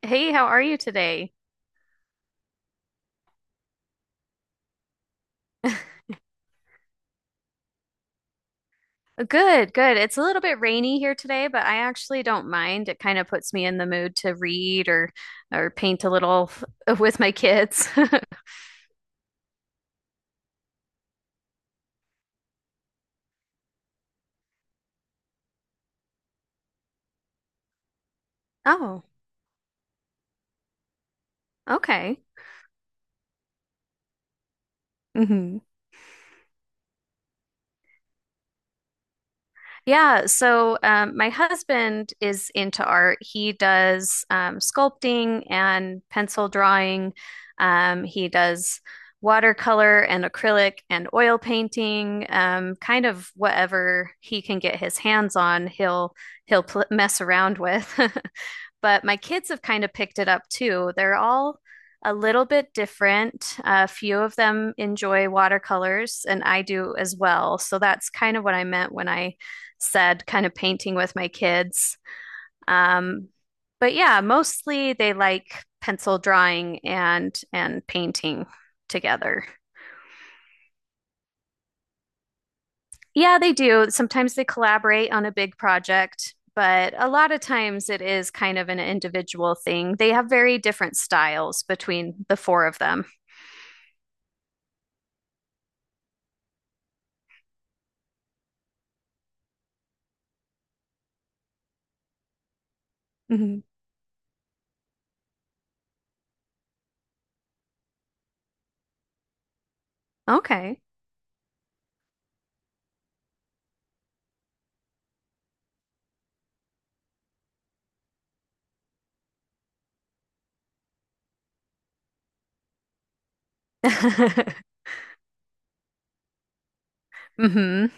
Hey, how are you today? Good, good. It's a little bit rainy here today, but I actually don't mind. It kind of puts me in the mood to read or paint a little with my kids. Oh, okay. Mhm. Yeah, so my husband is into art. He does sculpting and pencil drawing. He does watercolor and acrylic and oil painting, kind of whatever he can get his hands on, he'll he'll pl mess around with. But my kids have kind of picked it up too. They're all a little bit different. A few of them enjoy watercolors, and I do as well. So that's kind of what I meant when I said, kind of painting with my kids. Um, but yeah, mostly they like pencil drawing and painting together. Yeah, they do. Sometimes they collaborate on a big project, but a lot of times it is kind of an individual thing. They have very different styles between the four of them. Hmm. Okay. Hmm.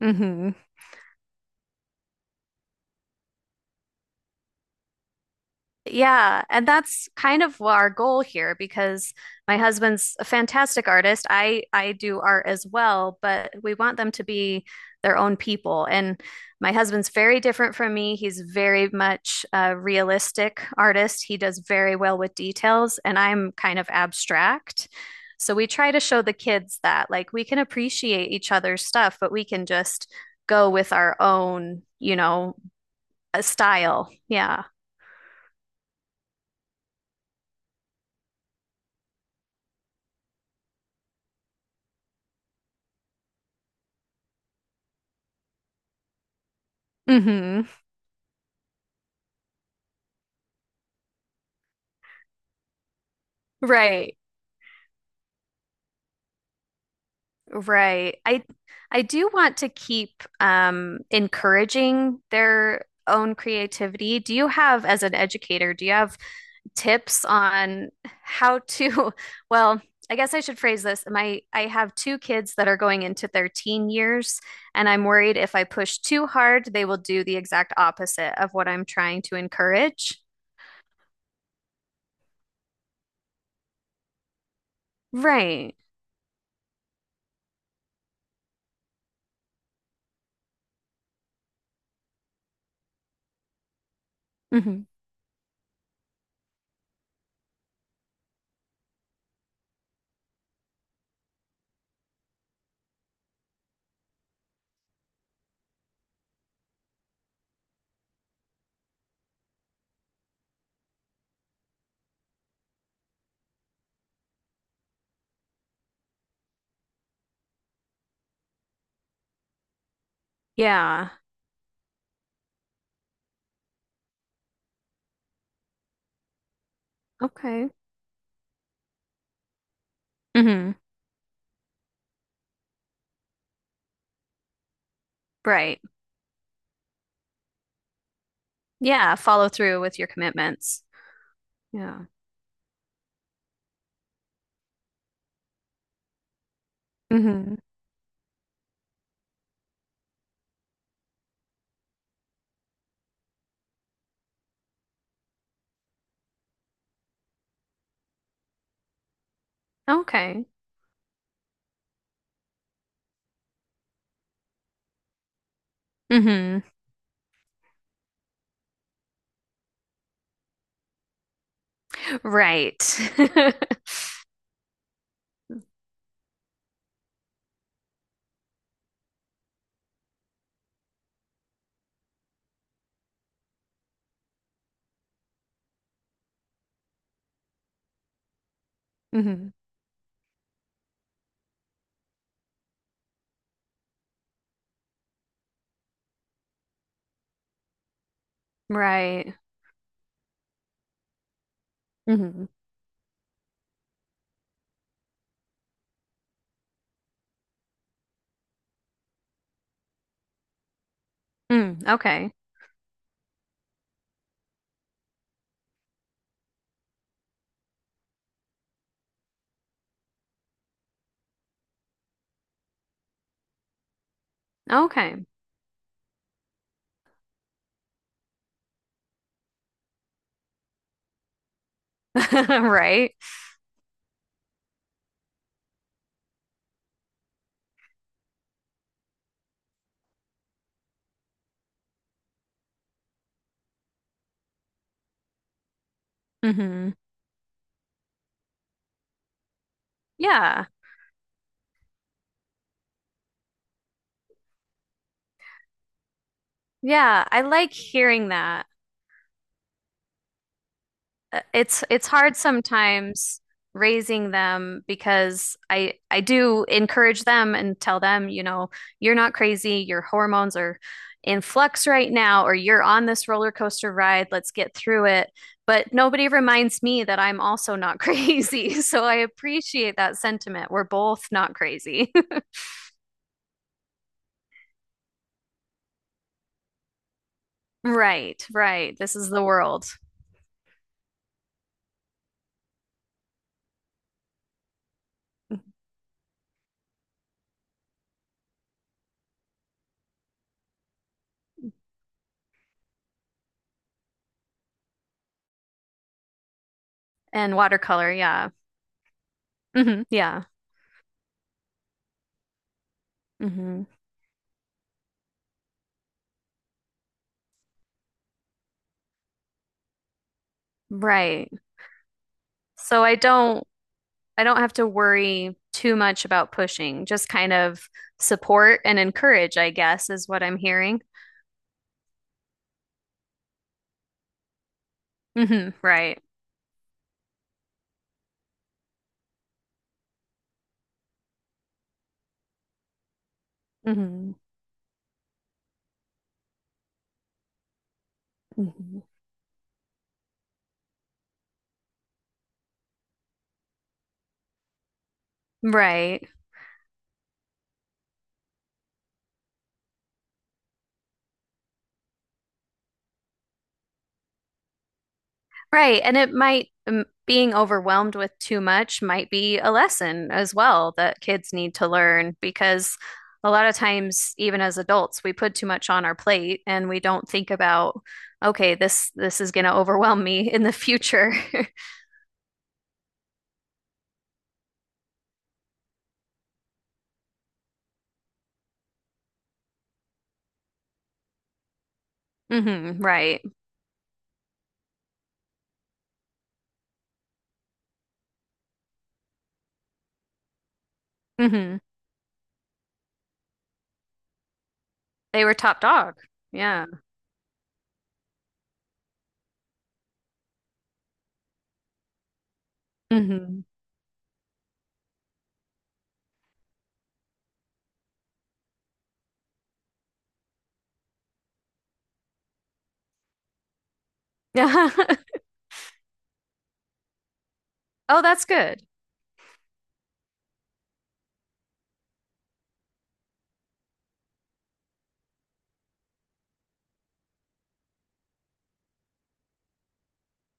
Hmm. Yeah, and that's kind of our goal here because my husband's a fantastic artist. I do art as well, but we want them to be their own people. And my husband's very different from me. He's very much a realistic artist. He does very well with details, and I'm kind of abstract. So we try to show the kids that like we can appreciate each other's stuff, but we can just go with our own, you know, style. Yeah. Hmm. Right. Right. I do want to keep encouraging their own creativity. Do you have, as an educator, do you have tips on how to, well, I guess I should phrase this. My I have two kids that are going into their teen years, and I'm worried if I push too hard, they will do the exact opposite of what I'm trying to encourage. Right. Hmm. Yeah. Okay. Hmm. Right. Yeah. Follow through with your commitments. Yeah. Hmm. Okay. Hmm. Right. Hmm. Right. Hmm. Mm, okay. Okay. Right. Hmm. Yeah. Yeah. I like hearing that. It's hard sometimes raising them because I do encourage them and tell them, you know, you're not crazy, your hormones are in flux right now, or you're on this roller coaster ride, let's get through it. But nobody reminds me that I'm also not crazy. So I appreciate that sentiment. We're both not crazy. Right, right. This is the world. And watercolor, yeah. Hmm, yeah. Hmm. Right. So I don't have to worry too much about pushing, just kind of support and encourage, I guess, is what I'm hearing. Hmm, right. Hmm. Hmm. Right. Right. And it might, being overwhelmed with too much might be a lesson as well that kids need to learn because a lot of times, even as adults, we put too much on our plate and we don't think about, okay, this is going to overwhelm me in the future. Hmm, right. Hmm. They were top dog. Yeah. Hmm. Yeah. Oh, that's good.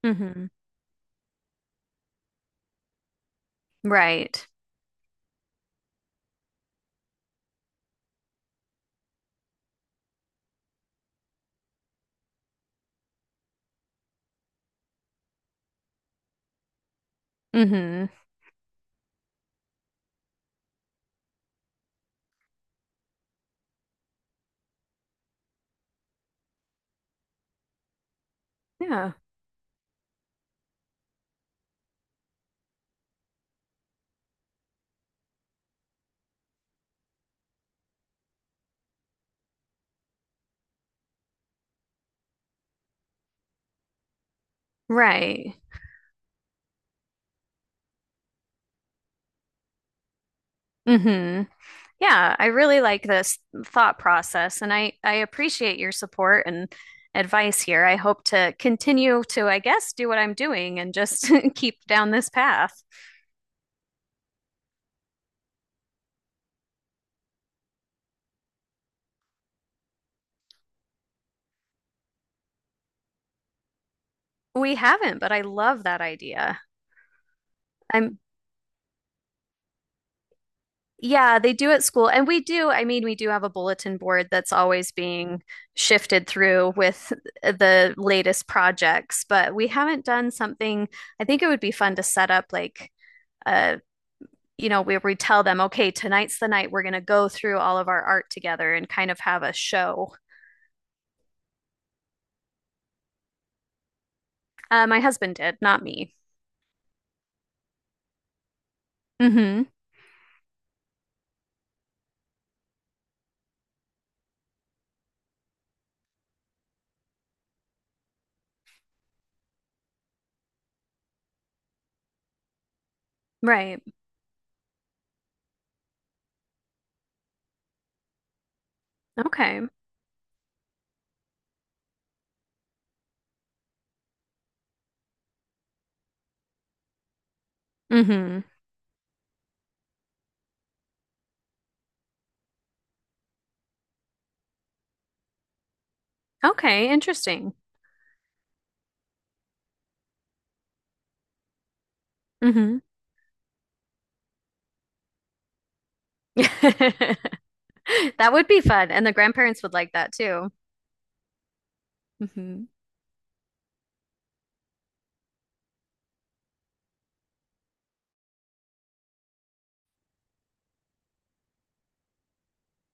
Hmm. Right. Hmm. Yeah. Right. Hmm. Yeah, I really like this thought process and I appreciate your support and advice here. I hope to continue to, I guess, do what I'm doing and just keep down this path. We haven't, but I love that idea. I'm Yeah, they do at school. And we do, I mean, we do have a bulletin board that's always being shifted through with the latest projects, but we haven't done something. I think it would be fun to set up like uh, you know, where we tell them, okay, tonight's the night we're going to go through all of our art together and kind of have a show. My husband did, not me. Mm-hmm. Right. Okay. Mm-hmm. Okay, interesting. Mm-hmm. That would be fun. And the grandparents would like that too. Hmm.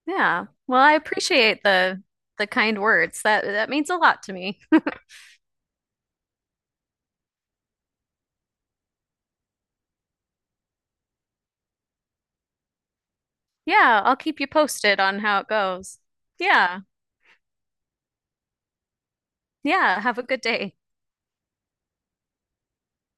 Yeah. Well, I appreciate the kind words. That means a lot to me. Yeah, I'll keep you posted on how it goes. Yeah. Yeah, have a good day.